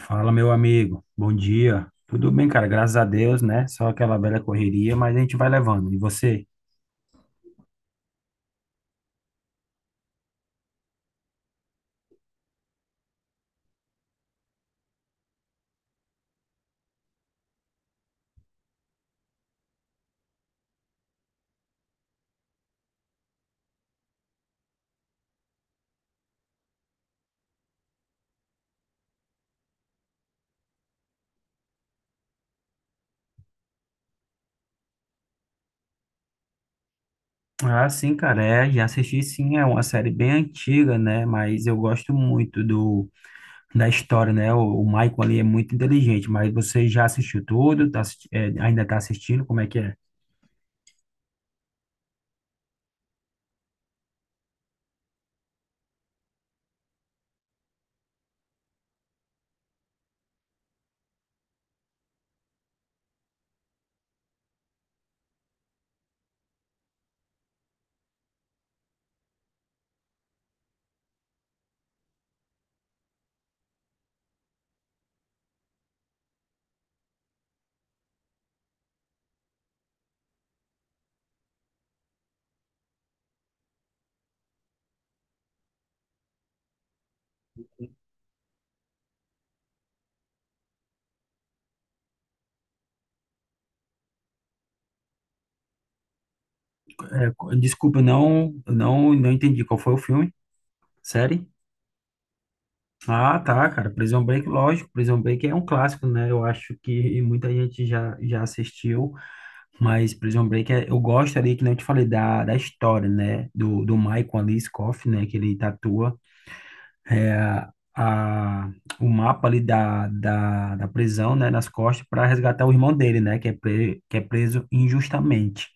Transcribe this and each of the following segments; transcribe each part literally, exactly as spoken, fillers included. Fala, meu amigo. Bom dia. Tudo bem, cara? Graças a Deus, né? Só aquela velha correria, mas a gente vai levando. E você? Ah, sim, cara. É, já assisti sim. É uma série bem antiga, né? Mas eu gosto muito do da história, né? O, o Michael ali é muito inteligente, mas você já assistiu tudo? Tá assisti- é, ainda tá assistindo? Como é que é? É, co- desculpa, eu não, eu não, não entendi qual foi o filme. Série? Ah, tá, cara. Prison Break, lógico. Prison Break é um clássico, né? Eu acho que muita gente já, já assistiu. Mas Prison Break, é- eu gosto ali, que nem eu te falei, da, da história, né? Do, do Michael ali, Scofield, né? Que ele tatua a, o mapa ali da, da, da prisão, né? Nas costas para resgatar o irmão dele, né? Que é, pre, que é preso injustamente.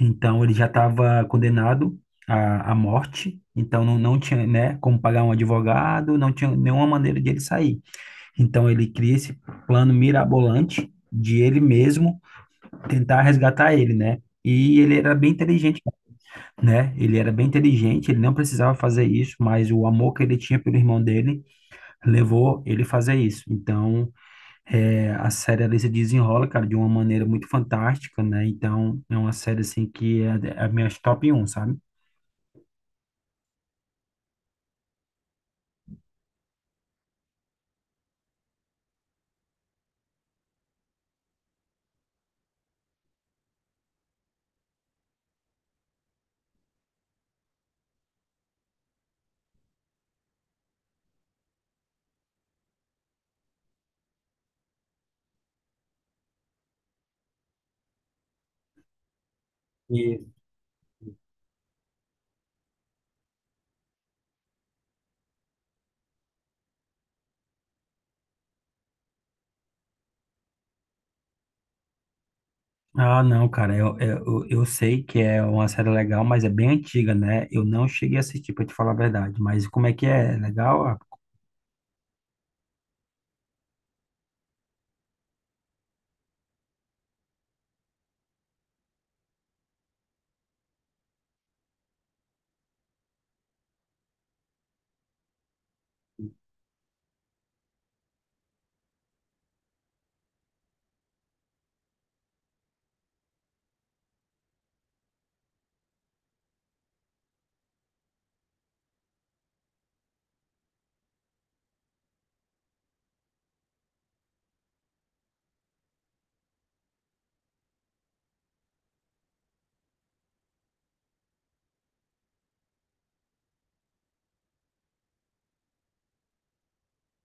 Então, ele já estava condenado à, à morte. Então, não, não tinha, né? Como pagar um advogado, não tinha nenhuma maneira de ele sair. Então, ele cria esse plano mirabolante de ele mesmo tentar resgatar ele, né? E ele era bem inteligente, né? Ele era bem inteligente, ele não precisava fazer isso, mas o amor que ele tinha pelo irmão dele levou ele a fazer isso. Então, é, a série ali se desenrola, cara, de uma maneira muito fantástica, né? Então, é uma série, assim, que é a é a minha top um, sabe? E- Ah, não, cara, eu, eu, eu sei que é uma série legal, mas é bem antiga, né? Eu não cheguei a assistir, pra te falar a verdade. Mas como é que é? É legal? Ah,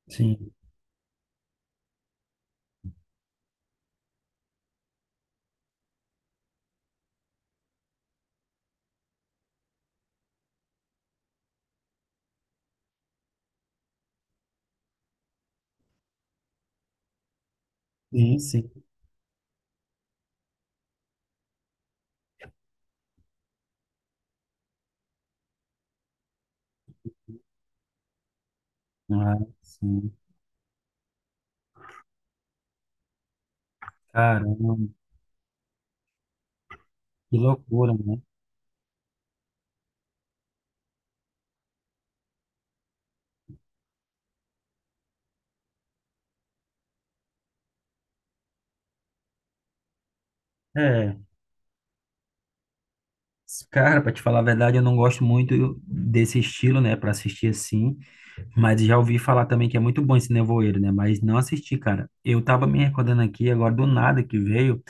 sim, sim, sim. Ah, sim. Caramba, que loucura, né? É, cara, pra te falar a verdade, eu não gosto muito desse estilo, né, pra assistir assim, mas já ouvi falar também que é muito bom esse nevoeiro, né, mas não assisti, cara. Eu tava me recordando aqui agora do nada que veio,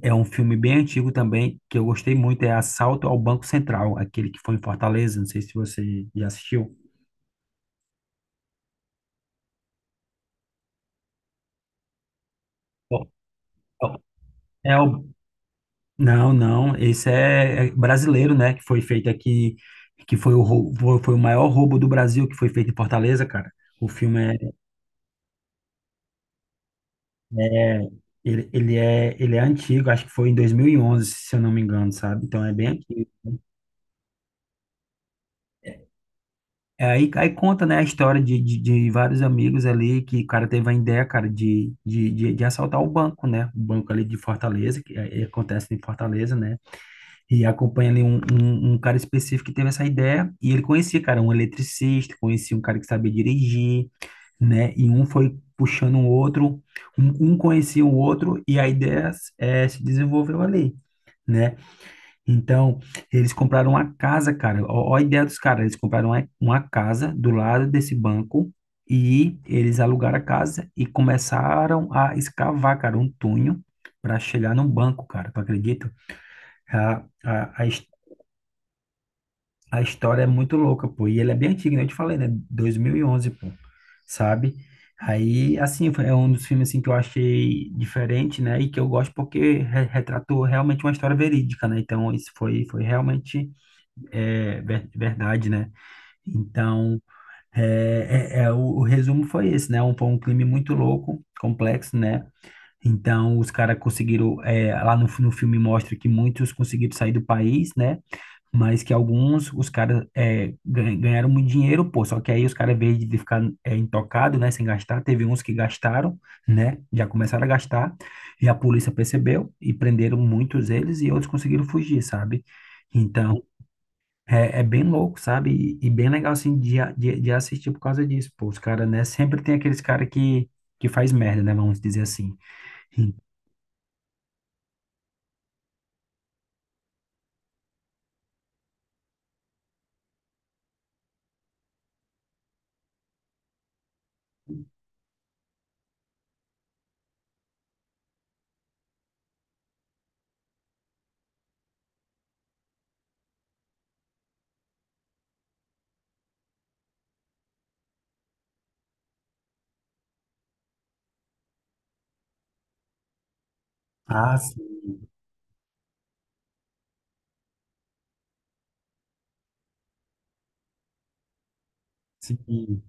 é um filme bem antigo também, que eu gostei muito, é Assalto ao Banco Central, aquele que foi em Fortaleza, não sei se você já assistiu. Bom, bom, É o, Não, não, esse é é brasileiro, né, que foi feito aqui, que foi o, rou- foi foi o maior roubo do Brasil, que foi feito em Fortaleza, cara. O filme é, é- ele, ele é, ele é antigo, acho que foi em dois mil e onze, se eu não me engano, sabe? Então é bem antigo. É, Aí, aí conta, né, a história de, de, de vários amigos ali, que o cara teve a ideia, cara, de, de, de, de assaltar o banco, né, o banco ali de Fortaleza, que é- é- acontece em Fortaleza, né. E acompanha ali um, um, um cara específico que teve essa ideia, e ele conhecia, cara, um eletricista, conhecia um cara que sabia dirigir, né? E um foi puxando o outro, um, um conhecia o outro, e a ideia é se desenvolveu ali, né? Então, eles compraram uma casa, cara, ó, ó a ideia dos caras, eles compraram uma, uma casa do lado desse banco, e eles alugaram a casa e começaram a escavar, cara, um túnel para chegar no banco, cara, tu acredita? A, a, a, his- A história é muito louca, pô. E ele é bem antigo, né? Eu te falei, né? dois mil e onze, pô. Sabe? Aí, assim, foi- é um dos filmes assim, que eu achei diferente, né? E que eu gosto porque re- retratou realmente uma história verídica, né? Então, isso foi, foi realmente é, ver- verdade, né? Então, é, é, é, o, o resumo foi esse, né? Um, foi um crime muito louco, complexo, né? Então, os caras conseguiram, é, lá no, no filme mostra que muitos conseguiram sair do país, né? Mas que alguns, os caras é, gan- ganharam muito dinheiro, pô. Só que aí os caras, em vez de ficar é, intocado, né, sem gastar, teve uns que gastaram, né, já começaram a gastar, e a polícia percebeu e prenderam muitos eles e outros conseguiram fugir, sabe? Então, é, é bem louco, sabe? E, e bem legal, assim, de, a- de, de assistir por causa disso, pô. Os caras, né, sempre tem aqueles caras que, que faz merda, né, vamos dizer assim. Ah, sim, sim,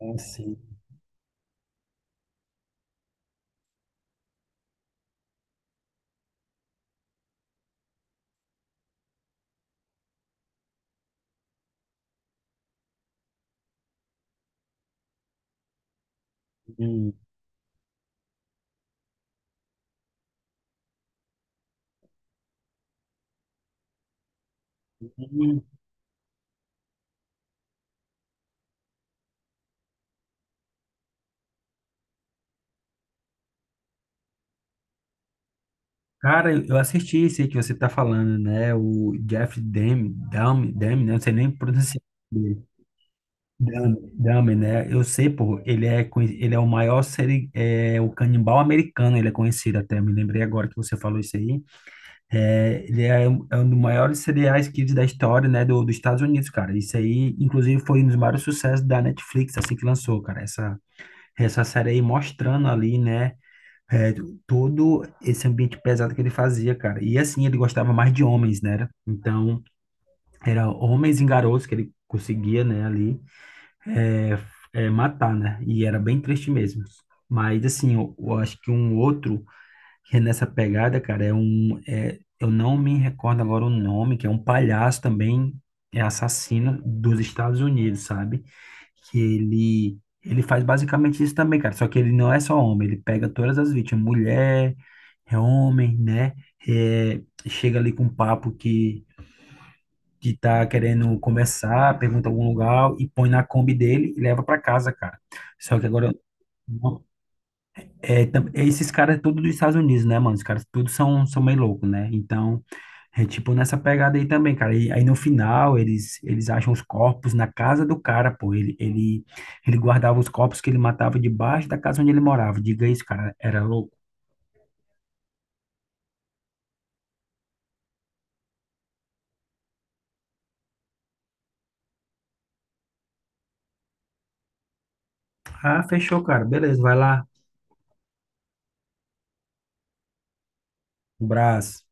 é, sim. Cara, eu eu assisti esse aí que você tá falando, né? O Jeff Dam, Dam, Dam, né? Não sei nem pronunciar. Dele. Dam, Dam, né? Eu sei, pô, ele é, conhe- ele é o maior seri, é, o canibal americano, ele é conhecido até, me lembrei agora que você falou isso aí. É, ele é um, é um dos maiores serial killers da história, né, do, dos Estados Unidos, cara. Isso aí, inclusive, foi um dos maiores sucessos da Netflix, assim que lançou, cara. Essa, essa série aí mostrando ali, né? É, todo esse ambiente pesado que ele fazia, cara. E assim, ele gostava mais de homens, né? Então, era homens e garotos que ele conseguia, né, ali, é, é, matar, né? E era bem triste mesmo. Mas, assim, eu, eu acho que um outro que é nessa pegada, cara, é um. É, eu não me recordo agora o nome, que é um palhaço também, é assassino dos Estados Unidos, sabe? Que ele. Ele faz basicamente isso também, cara. Só que ele não é só homem, ele pega todas as vítimas, mulher, é homem, né? É, chega ali com um papo que, que tá querendo conversar, pergunta algum lugar e põe na Kombi dele e leva pra casa, cara. Só que agora eu é, tam- é, esses caras é tudo dos Estados Unidos, né, mano? Os caras tudo são, são meio louco, né? Então, é tipo nessa pegada aí também, cara. E aí no final, eles, eles acham os corpos na casa do cara, pô. Ele, ele, ele guardava os corpos que ele matava debaixo da casa onde ele morava. Diga isso, cara. Era louco. Ah, fechou, cara. Beleza, vai lá. Um abraço.